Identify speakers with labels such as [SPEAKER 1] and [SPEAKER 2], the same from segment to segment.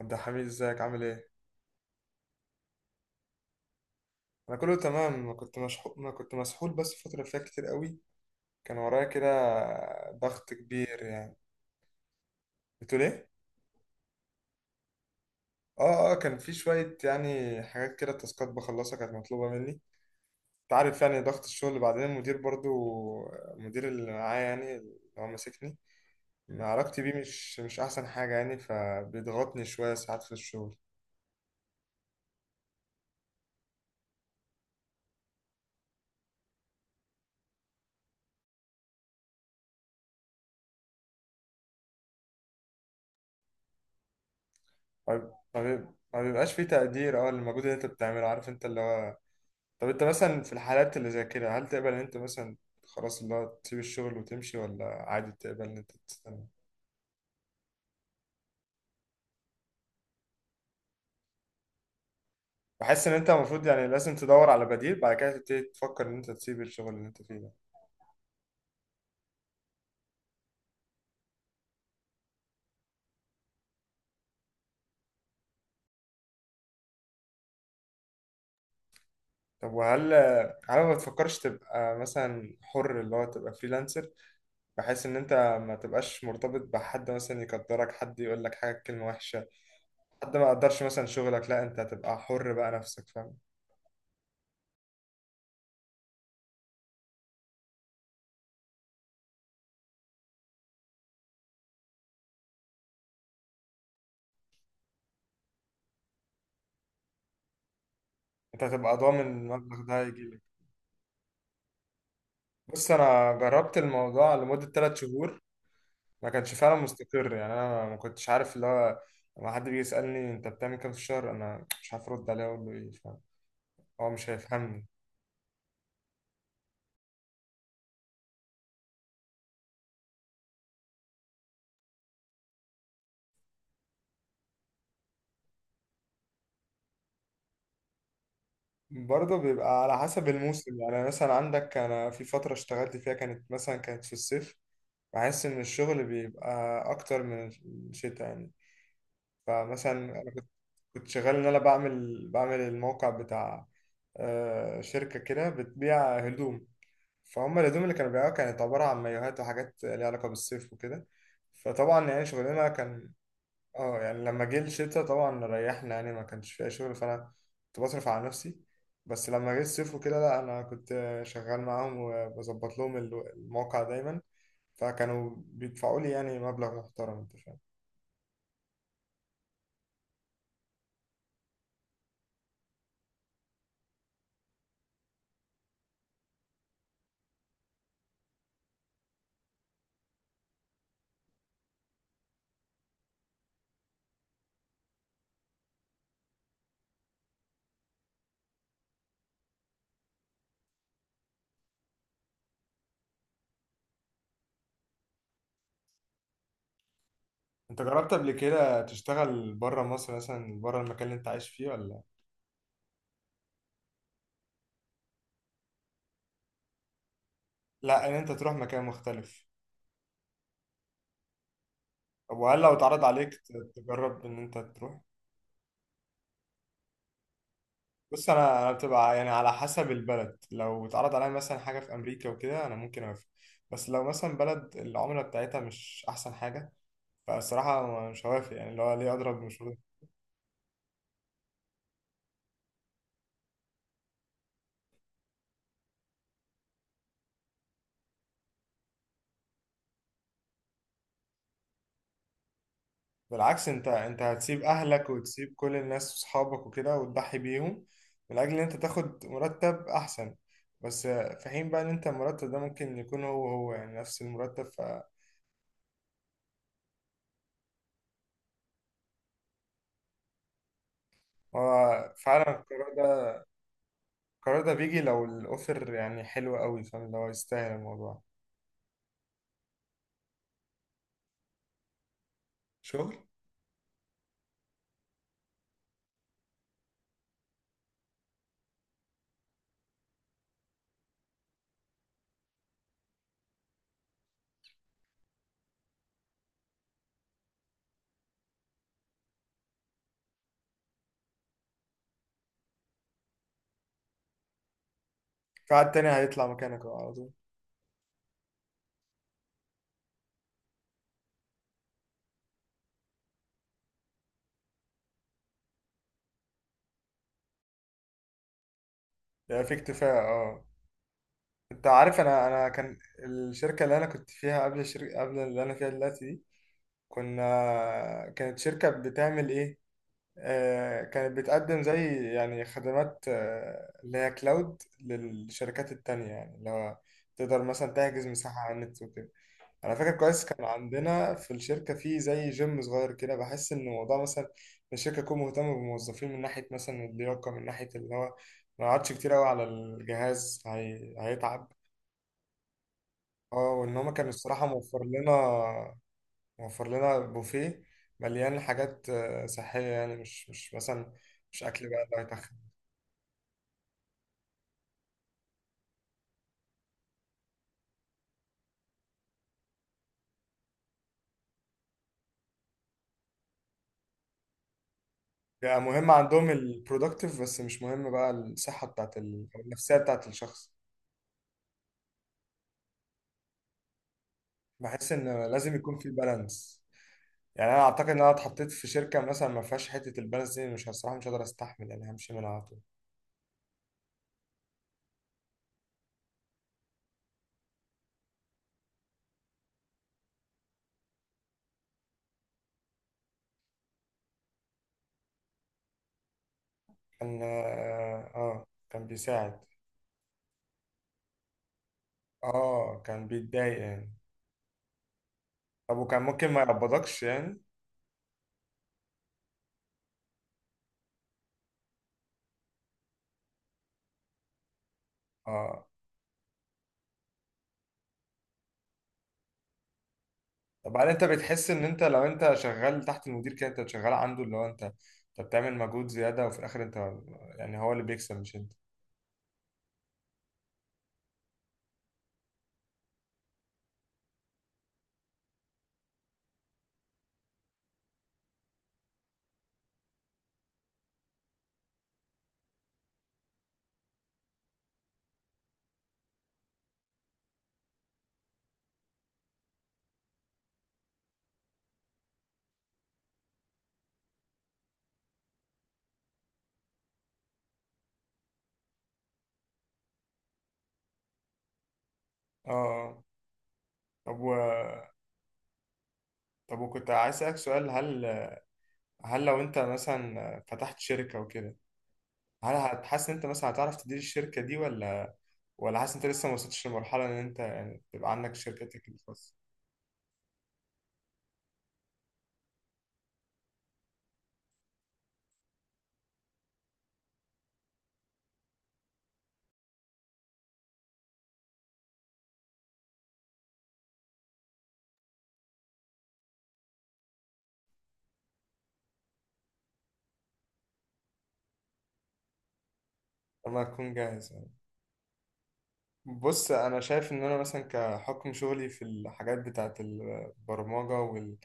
[SPEAKER 1] عبد الحميد، ازيك؟ عامل ايه؟ انا كله تمام. انا كنت مسحول بس الفتره اللي فاتت كتير قوي. كان ورايا كده ضغط كبير يعني. بتقول ايه؟ اه اه، كان في شويه يعني حاجات كده تاسكات بخلصها كانت مطلوبه مني. انت عارف يعني ضغط الشغل، بعدين المدير برضو. المدير اللي معايا يعني اللي هو ماسكني، علاقتي بيه مش احسن حاجه يعني، فبيضغطني شويه ساعات في الشغل. ما بي- ما بيبقاش في تقدير اه للمجهود اللي انت بتعمله، عارف انت اللي هو. طب انت مثلا في الحالات اللي زي كده، هل تقبل ان انت مثلا خلاص اللي هو تسيب الشغل وتمشي، ولا عادي تقبل ان انت تستنى؟ بحس ان انت المفروض يعني لازم تدور على بديل، بعد كده تبتدي تفكر ان انت تسيب الشغل اللي انت فيه ده. طب وهل، هل ما بتفكرش تبقى مثلا حر، اللي هو تبقى فريلانسر، بحيث ان انت ما تبقاش مرتبط بحد، مثلا يقدرك حد يقول لك حاجه كلمه وحشه. حد ما يقدرش مثلا شغلك، لا انت هتبقى حر بقى نفسك، فاهم. انت هتبقى ضامن المبلغ ده هيجيلك. بص انا جربت الموضوع لمده 3 شهور، ما كانش فعلا مستقر يعني. انا ما كنتش عارف اللي هو لما حد بيجي يسالني انت بتعمل كام في الشهر، انا مش عارف ارد عليه اقول له ايه، فاهم. هو مش هيفهمني. برضه بيبقى على حسب الموسم يعني. مثلا عندك انا في فتره اشتغلت فيها، كانت مثلا كانت في الصيف، بحس ان الشغل بيبقى اكتر من الشتاء يعني. فمثلا كنت شغال ان انا بعمل الموقع بتاع آه، شركة كده بتبيع هدوم. فهم الهدوم اللي كانوا بيبيعوها كانت عبارة عن مايوهات وحاجات ليها علاقة بالصيف وكده. فطبعا يعني شغلنا كان اه يعني. لما جه الشتا طبعا ريحنا يعني، ما كانش فيها شغل، فأنا كنت بصرف على نفسي. بس لما جه الصيف وكده، لا أنا كنت شغال معاهم وبظبط لهم الموقع دايما، فكانوا بيدفعوا لي يعني مبلغ محترم، انت فاهم. انت جربت قبل كده تشتغل بره مصر، مثلا بره المكان اللي انت عايش فيه، ولا؟ لا، ان انت تروح مكان مختلف. طب وهل لو اتعرض عليك تجرب ان انت تروح؟ بص انا بتبقى يعني على حسب البلد. لو اتعرض عليا مثلا حاجه في امريكا وكده، انا ممكن اوافق. بس لو مثلا بلد العمله بتاعتها مش احسن حاجه، فالصراحه مش هوافق يعني. اللي هو ليه اضرب؟ مش بالعكس، انت هتسيب اهلك وتسيب كل الناس وصحابك وكده وتضحي بيهم من اجل ان انت تاخد مرتب احسن، بس في حين بقى ان انت المرتب ده ممكن يكون هو هو يعني نفس المرتب. فهو فعلا القرار ده بيجي لو الاوفر يعني حلو قوي، فاهم، لو يستاهل الموضوع. شغل؟ في حد تاني هيطلع مكانك اه على طول. يعني في اكتفاء اه. انت عارف، انا كان الشركه اللي انا كنت فيها قبل، الشركه قبل اللي انا فيها دلوقتي دي، كنا كانت شركة بتعمل ايه آه، كانت بتقدم زي يعني خدمات آه، اللي هي كلاود للشركات التانية. يعني اللي هو تقدر مثلا تحجز مساحة على النت وكده. أنا فاكر كويس كان عندنا في الشركة في زي جيم صغير كده. بحس إن الموضوع مثلا الشركة تكون مهتمة بالموظفين من ناحية مثلا اللياقة، من ناحية اللي هو ما يقعدش كتير أوي على الجهاز، هيتعب. اه، وإن هما كانوا الصراحة موفر لنا، موفر لنا بوفيه مليان حاجات آه، صحية يعني. مش مثلا مش أكل بقى اللي هيتخن. يعني مهم عندهم البرودكتيف بس مش مهم بقى الصحة أو النفسية بتاعت الشخص. بحس ان لازم يكون في بالانس. يعني انا اعتقد ان انا اتحطيت في شركة مثلا ما فيهاش حتة البالانس دي، مش الصراحة مش هقدر استحمل يعني، همشي منها على طول. كان اه آه، كان بيساعد. اه كان بيتضايق يعني. طب وكان ممكن ما يقبضكش يعني؟ اه. طب هل انت بتحس ان انت لو انت شغال تحت المدير كده انت شغال عنده، اللي هو انت بتعمل مجهود زيادة وفي الاخر انت يعني هو اللي بيكسب مش انت؟ اه آه. طب و... طب وكنت عايز اسالك سؤال. هل لو انت مثلا فتحت شركه وكده، هل هتحس ان انت مثلا هتعرف تدير الشركه دي، ولا حاسس ان انت لسه ما وصلتش لمرحله ان انت يعني تبقى عندك شركتك الخاصه؟ لما تكون جاهز يعني. بص انا شايف ان انا مثلا كحكم شغلي في الحاجات بتاعه البرمجه وال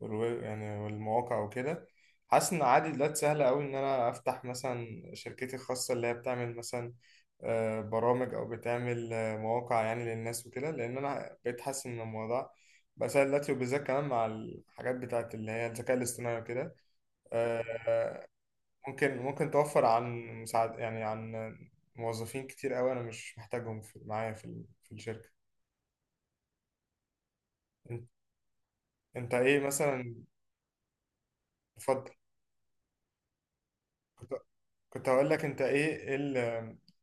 [SPEAKER 1] والويب يعني والمواقع وكده، حاسس ان عادي دلوقتي سهله قوي ان انا افتح مثلا شركتي الخاصه اللي هي بتعمل مثلا آه، برامج او بتعمل آه، مواقع يعني للناس وكده، لان انا بقيت حاسس ان الموضوع بقى سهل دلوقتي، وبالذات كمان مع الحاجات بتاعه اللي هي الذكاء الاصطناعي وكده. آه، ممكن توفر عن مساعد يعني، عن موظفين كتير قوي انا مش محتاجهم في معايا في في الشركه. انت, انت ايه مثلا؟ تفضل. كنت كنت هقول لك انت ايه إيه ال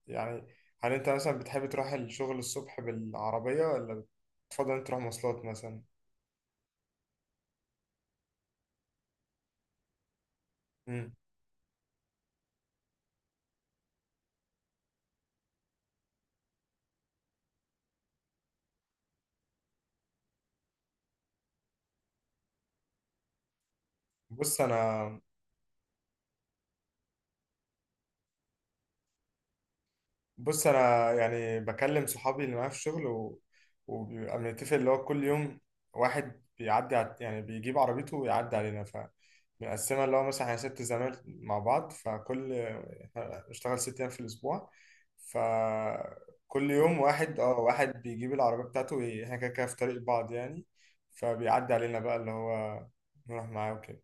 [SPEAKER 1] يعني، هل انت مثلا بتحب تروح الشغل الصبح بالعربيه، ولا بتفضل انت تروح مواصلات مثلا؟ امم. بص انا بص انا يعني بكلم صحابي اللي معايا في الشغل وبيبقى بنتفق اللي هو كل يوم واحد بيعدي يعني بيجيب عربيته ويعدي علينا، ف بنقسمها اللي هو مثلا احنا ست زمايل مع بعض، فكل إحنا بنشتغل 6 ايام في الاسبوع، فكل يوم واحد اه واحد بيجيب العربية بتاعته احنا كده كده في طريق بعض يعني، فبيعدي علينا بقى اللي هو نروح معاه وكده.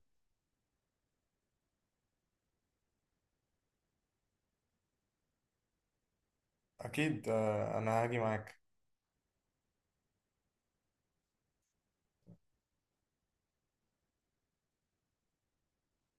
[SPEAKER 1] اكيد آه، انا هاجي معاك.